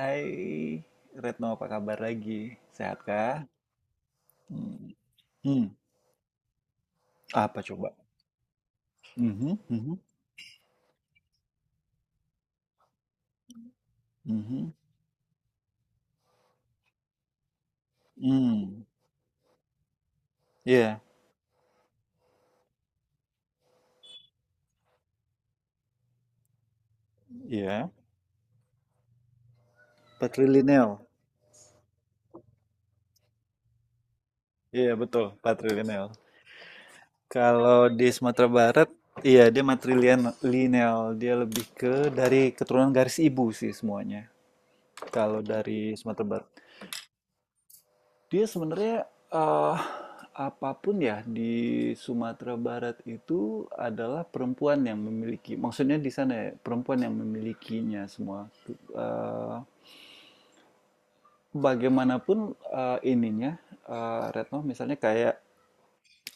Hai Retno, apa kabar lagi? Sehat kah? Hmm. Hmm. Apa coba? Mhm, mhm, mhm, hmm. hmm. Iya, iya. Patrilineal. Iya, betul, patrilineal. Kalau di Sumatera Barat, iya dia matrilineal. Dia lebih ke dari keturunan garis ibu sih semuanya. Kalau dari Sumatera Barat. Dia sebenarnya, eee, apapun ya di Sumatera Barat itu adalah perempuan yang memiliki maksudnya di sana ya, perempuan yang memilikinya semua. Eee, bagaimanapun, ininya, Retno misalnya kayak,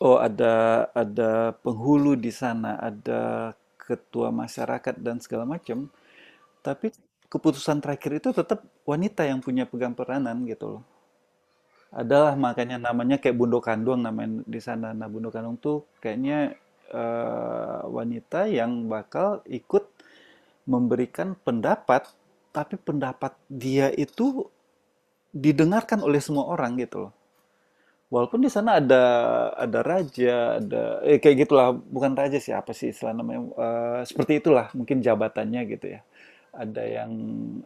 oh ada penghulu di sana, ada ketua masyarakat dan segala macam, tapi keputusan terakhir itu tetap wanita yang punya pegang peranan gitu loh. Adalah makanya namanya kayak Bundo Kandung namanya di sana. Nah, Bundo Kandung tuh kayaknya wanita yang bakal ikut memberikan pendapat, tapi pendapat dia itu didengarkan oleh semua orang gitu loh. Walaupun di sana ada raja, ada kayak gitulah, bukan raja sih apa sih istilah namanya seperti itulah mungkin jabatannya gitu ya. Ada yang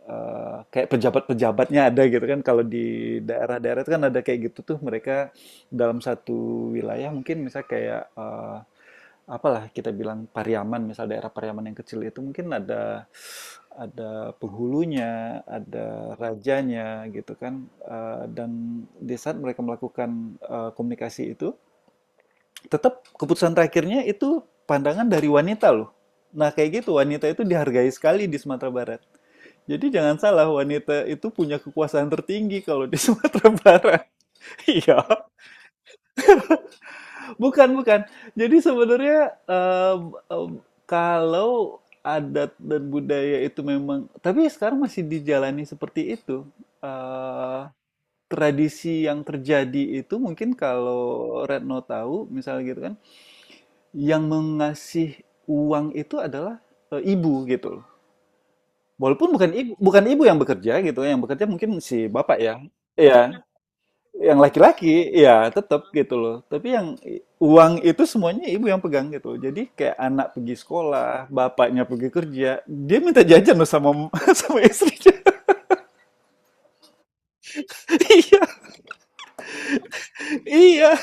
kayak pejabat-pejabatnya ada gitu kan kalau di daerah-daerah itu kan ada kayak gitu tuh mereka dalam satu wilayah mungkin misalnya kayak apalah kita bilang Pariaman, misal daerah Pariaman yang kecil itu mungkin ada penghulunya, ada rajanya gitu kan. Dan di saat mereka melakukan komunikasi itu, tetap keputusan terakhirnya itu pandangan dari wanita loh. Nah, kayak gitu wanita itu dihargai sekali di Sumatera Barat. Jadi jangan salah, wanita itu punya kekuasaan tertinggi kalau di Sumatera Barat. Iya. Bukan, bukan. Jadi sebenarnya, mmm, mmm, kalau adat dan budaya itu memang tapi sekarang masih dijalani seperti itu, eee, tradisi yang terjadi itu mungkin kalau Retno tahu misalnya gitu kan, yang mengasih uang itu adalah, ibu gitu loh. Walaupun bukan ibu yang bekerja gitu, yang bekerja mungkin si bapak ya. Iya, yang laki-laki ya tetap gitu loh tapi yang uang itu semuanya ibu yang pegang gitu, jadi kayak anak pergi sekolah, bapaknya pergi kerja, dia minta jajan loh sama sama istrinya. Iya, iya.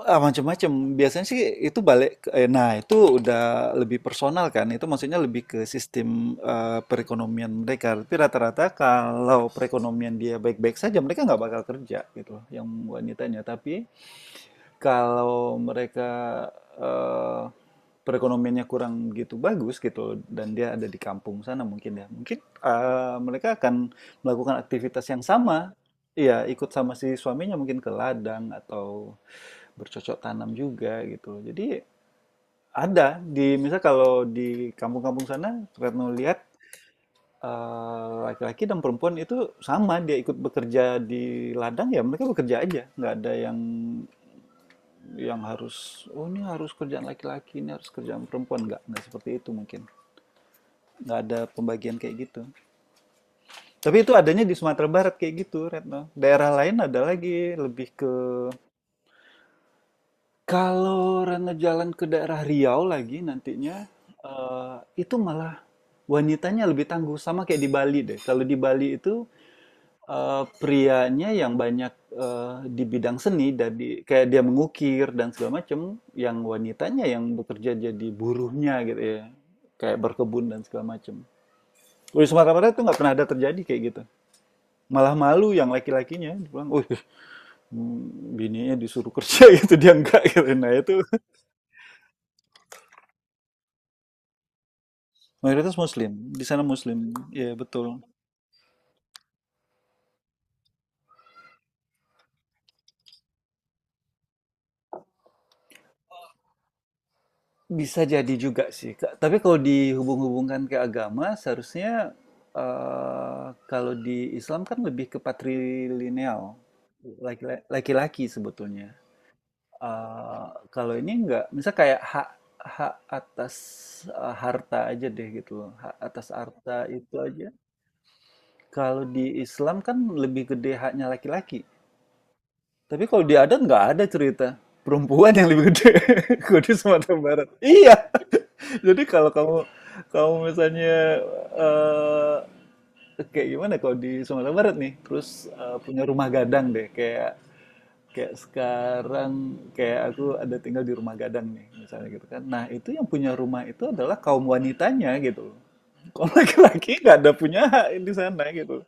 Ah, macam-macam biasanya sih itu balik nah itu udah lebih personal kan itu maksudnya lebih ke sistem perekonomian mereka, tapi rata-rata kalau perekonomian dia baik-baik saja mereka nggak bakal kerja gitu loh yang wanitanya. Tapi kalau mereka, eee, perekonomiannya kurang begitu bagus gitu dan dia ada di kampung sana mungkin ya, mungkin, mereka akan melakukan aktivitas yang sama. Iya, ikut sama si suaminya mungkin ke ladang atau bercocok tanam juga gitu. Jadi ada di misal kalau di kampung-kampung sana Retno lihat, laki-laki dan perempuan itu sama, dia ikut bekerja di ladang, ya mereka bekerja aja, nggak ada yang harus, oh ini harus kerjaan laki-laki, ini harus kerjaan perempuan. Nggak seperti itu mungkin. Nggak ada pembagian kayak gitu. Tapi itu adanya di Sumatera Barat kayak gitu, Retno. Daerah lain ada lagi, lebih ke kalau Rena jalan ke daerah Riau lagi nantinya, eh, itu malah wanitanya lebih tangguh. Sama kayak di Bali deh. Kalau di Bali itu prianya yang banyak di bidang seni, dari, kayak dia mengukir dan segala macam, yang wanitanya yang bekerja jadi buruhnya gitu ya. Kayak berkebun dan segala macam. Kalau di Sumatera Barat itu nggak pernah ada terjadi kayak gitu. Malah malu yang laki-lakinya, dibilang, oh bininya disuruh kerja gitu, dia enggak gitu. Nah itu mayoritas muslim, di sana muslim. Ya, betul. Bisa jadi juga sih, Kak. Tapi kalau dihubung-hubungkan ke agama, seharusnya kalau di Islam kan lebih ke patrilineal, laki-laki sebetulnya. Eh, Kalau ini enggak, misal kayak hak hak atas harta aja deh gitu loh, hak atas harta itu aja. Kalau di Islam kan lebih gede haknya laki-laki. Tapi kalau di adat nggak ada cerita perempuan yang lebih gede. Gede Sumatera Barat. Iya. Jadi kalau kamu kamu misalnya eh kayak gimana kalau di Sumatera Barat nih, terus punya rumah gadang deh, kayak kayak sekarang kayak aku ada tinggal di rumah gadang nih, misalnya gitu kan. Nah, itu yang punya rumah itu adalah kaum wanitanya gitu. Kalau laki-laki nggak ada punya hak di sana gitu.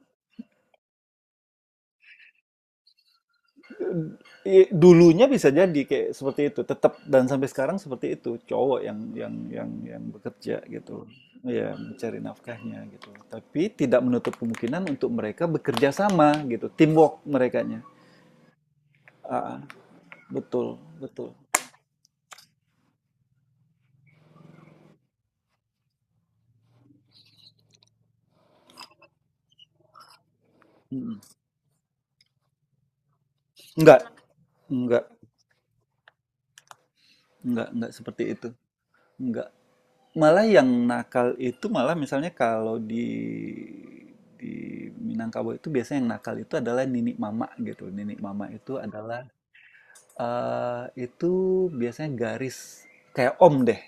Iya, dulunya bisa jadi kayak seperti itu tetap dan sampai sekarang seperti itu cowok yang bekerja gitu, ya mencari nafkahnya gitu, tapi tidak menutup kemungkinan untuk mereka bekerja sama gitu, teamwork merekanya. Ah, ah, betul, betul. Mm. enggak enggak enggak seperti itu. Enggak, malah yang nakal itu malah misalnya kalau di di Minangkabau itu biasanya yang nakal itu adalah nini mama gitu. Nini mama itu adalah itu biasanya garis kayak om deh.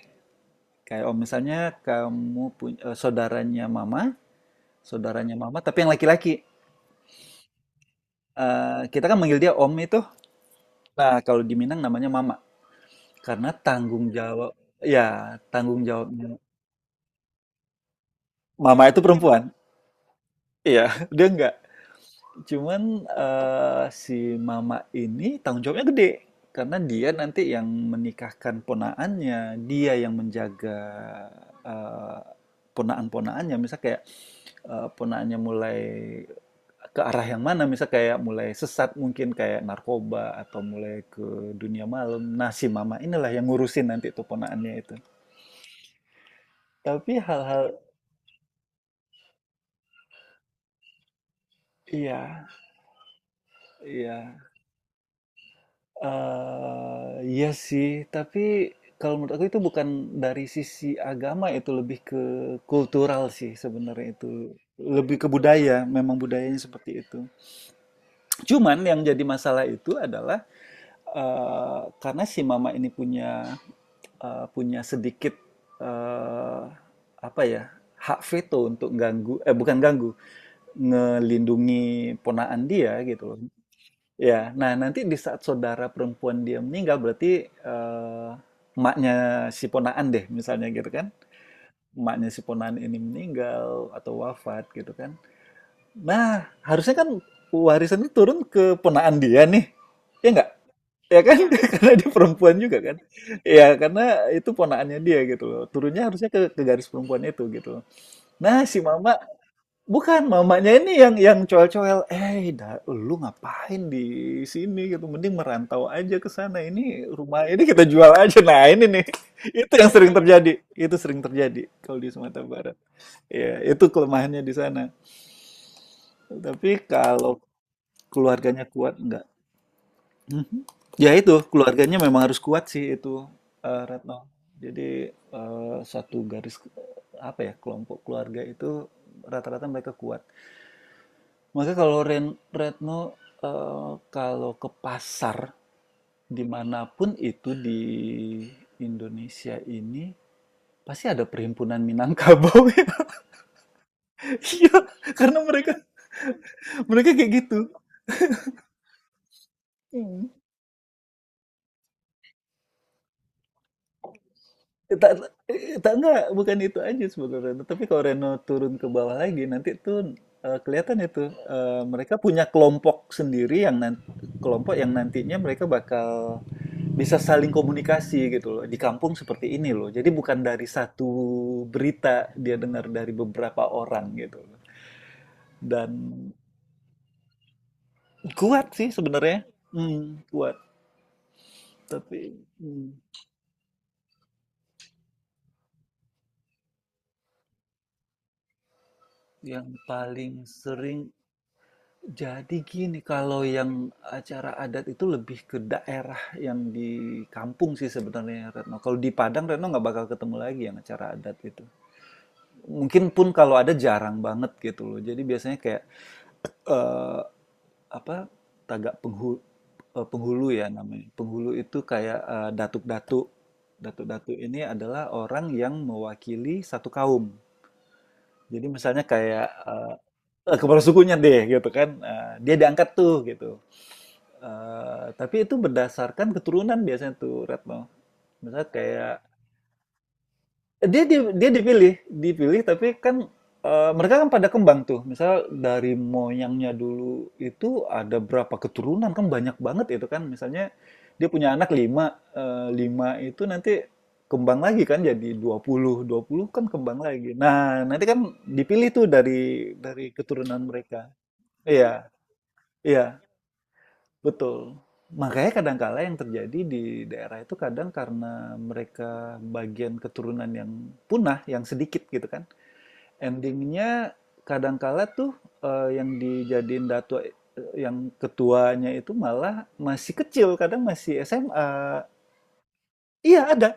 Kayak om misalnya kamu punya saudaranya mama tapi yang laki-laki. Kita kan manggil dia om itu. Nah, kalau di Minang namanya mama karena tanggung jawab, ya, tanggung jawabnya mama itu perempuan. Iya, dia nggak. Cuman si mama ini tanggung jawabnya gede karena dia nanti yang menikahkan ponaannya, dia yang menjaga eh, ponaan-ponaannya. Misal kayak ponaannya mulai ke arah yang mana, misal kayak mulai sesat mungkin kayak narkoba atau mulai ke dunia malam. Nah, si mama inilah yang ngurusin nanti itu ponaannya itu. Tapi hal-hal iya, iya. Iya sih, tapi kalau menurut aku itu bukan dari sisi agama itu, lebih ke kultural sih sebenarnya itu. Lebih ke budaya, memang budayanya seperti itu. Cuman yang jadi masalah itu adalah, karena si mama ini punya, punya sedikit, eee, apa ya, hak veto untuk ganggu, eh, bukan ganggu, ngelindungi ponaan dia gitu loh. Ya, nah nanti di saat saudara perempuan dia meninggal berarti emaknya si ponaan deh misalnya gitu kan. Emaknya si ponaan ini meninggal atau wafat gitu kan. Nah, harusnya kan warisan itu turun ke ponaan dia nih. Ya enggak? Ya kan? Karena dia perempuan juga kan. Ya, karena itu ponaannya dia gitu loh. Turunnya harusnya ke garis perempuan itu gitu loh. Nah, si mama Bukan, mamanya ini yang coel-coel, "Eh, da lu ngapain di sini?" gitu, "Mending merantau aja ke sana, ini rumah ini kita jual aja." Nah, ini nih, itu yang sering terjadi, itu sering terjadi kalau di Sumatera Barat. Ya, itu kelemahannya di sana. Tapi kalau keluarganya kuat, enggak. Mhm. Ya itu, keluarganya memang harus kuat sih itu, Retno. Jadi, satu garis, apa ya, kelompok keluarga itu rata-rata mereka kuat. Maka kalau Retno, kalau ke pasar dimanapun itu di Indonesia ini pasti ada perhimpunan Minangkabau ya. Iya, karena mereka mereka kayak gitu. Hmm. Eh, Tak, eh, tak Enggak, bukan itu aja sebenarnya. Tapi kalau Reno turun ke bawah lagi nanti tuh kelihatan itu mereka punya kelompok sendiri yang nanti, kelompok yang nantinya mereka bakal bisa saling komunikasi gitu loh di kampung seperti ini loh, jadi bukan dari satu berita dia dengar dari beberapa orang gitu loh. Dan kuat sih sebenarnya, kuat, tapi yang paling sering, jadi gini kalau yang acara adat itu lebih ke daerah yang di kampung sih sebenarnya Retno, kalau di Padang Retno nggak bakal ketemu lagi yang acara adat itu. Mungkin pun kalau ada jarang banget gitu loh, jadi biasanya kayak eh, apa, Tagak penghulu, penghulu ya namanya. Penghulu itu kayak datuk-datuk. Datuk-datuk ini adalah orang yang mewakili satu kaum. Jadi misalnya kayak kepala sukunya deh gitu kan. Dia diangkat tuh gitu. Tapi itu berdasarkan keturunan biasanya tuh Retno. Misalnya kayak dia dipilih, dipilih tapi kan mereka kan pada kembang tuh. Misal dari moyangnya dulu itu ada berapa keturunan kan banyak banget itu kan. Misalnya dia punya anak lima, eh, lima itu nanti kembang lagi kan jadi dua puluh kan kembang lagi. Nah, nanti kan dipilih tuh dari keturunan mereka. Iya, iya, betul. Makanya kadangkala yang terjadi di daerah itu kadang karena mereka bagian keturunan yang punah, yang sedikit gitu kan, endingnya kadangkala tuh yang dijadiin yang ketuanya itu malah masih kecil, kadang masih SMA. Iya, ada.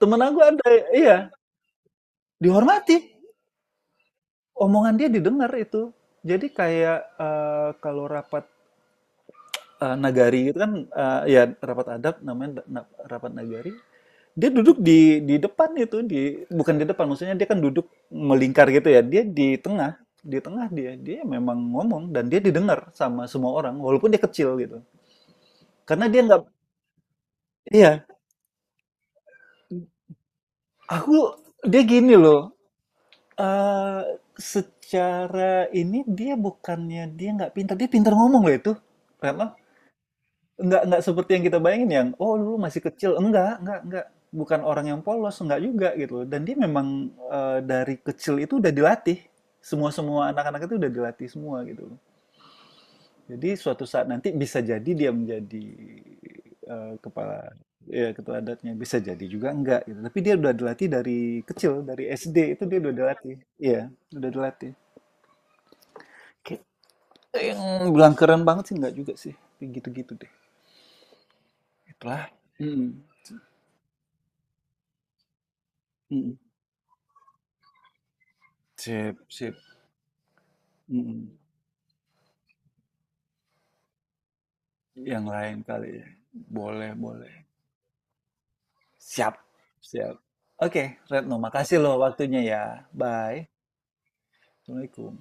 Temen aku ada, iya. Dihormati, omongan dia didengar itu. Jadi kayak kalau rapat nagari gitu kan, ya rapat adat namanya, rapat nagari, dia duduk di depan itu di bukan di depan maksudnya, dia kan duduk melingkar gitu ya, dia di tengah, di tengah dia dia memang ngomong dan dia didengar sama semua orang walaupun dia kecil gitu karena dia nggak, iya, aku, dia gini loh, eh secara ini dia bukannya dia nggak pintar, dia pintar ngomong loh itu, karena enggak seperti yang kita bayangin yang, "Oh, dulu masih kecil." Enggak, enggak. Bukan orang yang polos, enggak juga gitu. Dan dia memang dari kecil itu udah dilatih. Semua-semua anak-anak itu udah dilatih semua gitu. Jadi suatu saat nanti bisa jadi dia menjadi kepala, ya ketua adatnya, bisa jadi juga enggak gitu. Tapi dia udah dilatih dari kecil, dari SD itu dia udah dilatih. Iya, udah dilatih. Gitu. Yang bilang keren banget sih enggak juga sih. Kayak gitu-gitu deh. Itulah. Mm. Mm. Sip, sip. Mhm. Yang lain kali ya. Boleh, boleh. Siap, siap. Oke, Retno, makasih loh waktunya ya. Bye. Assalamualaikum.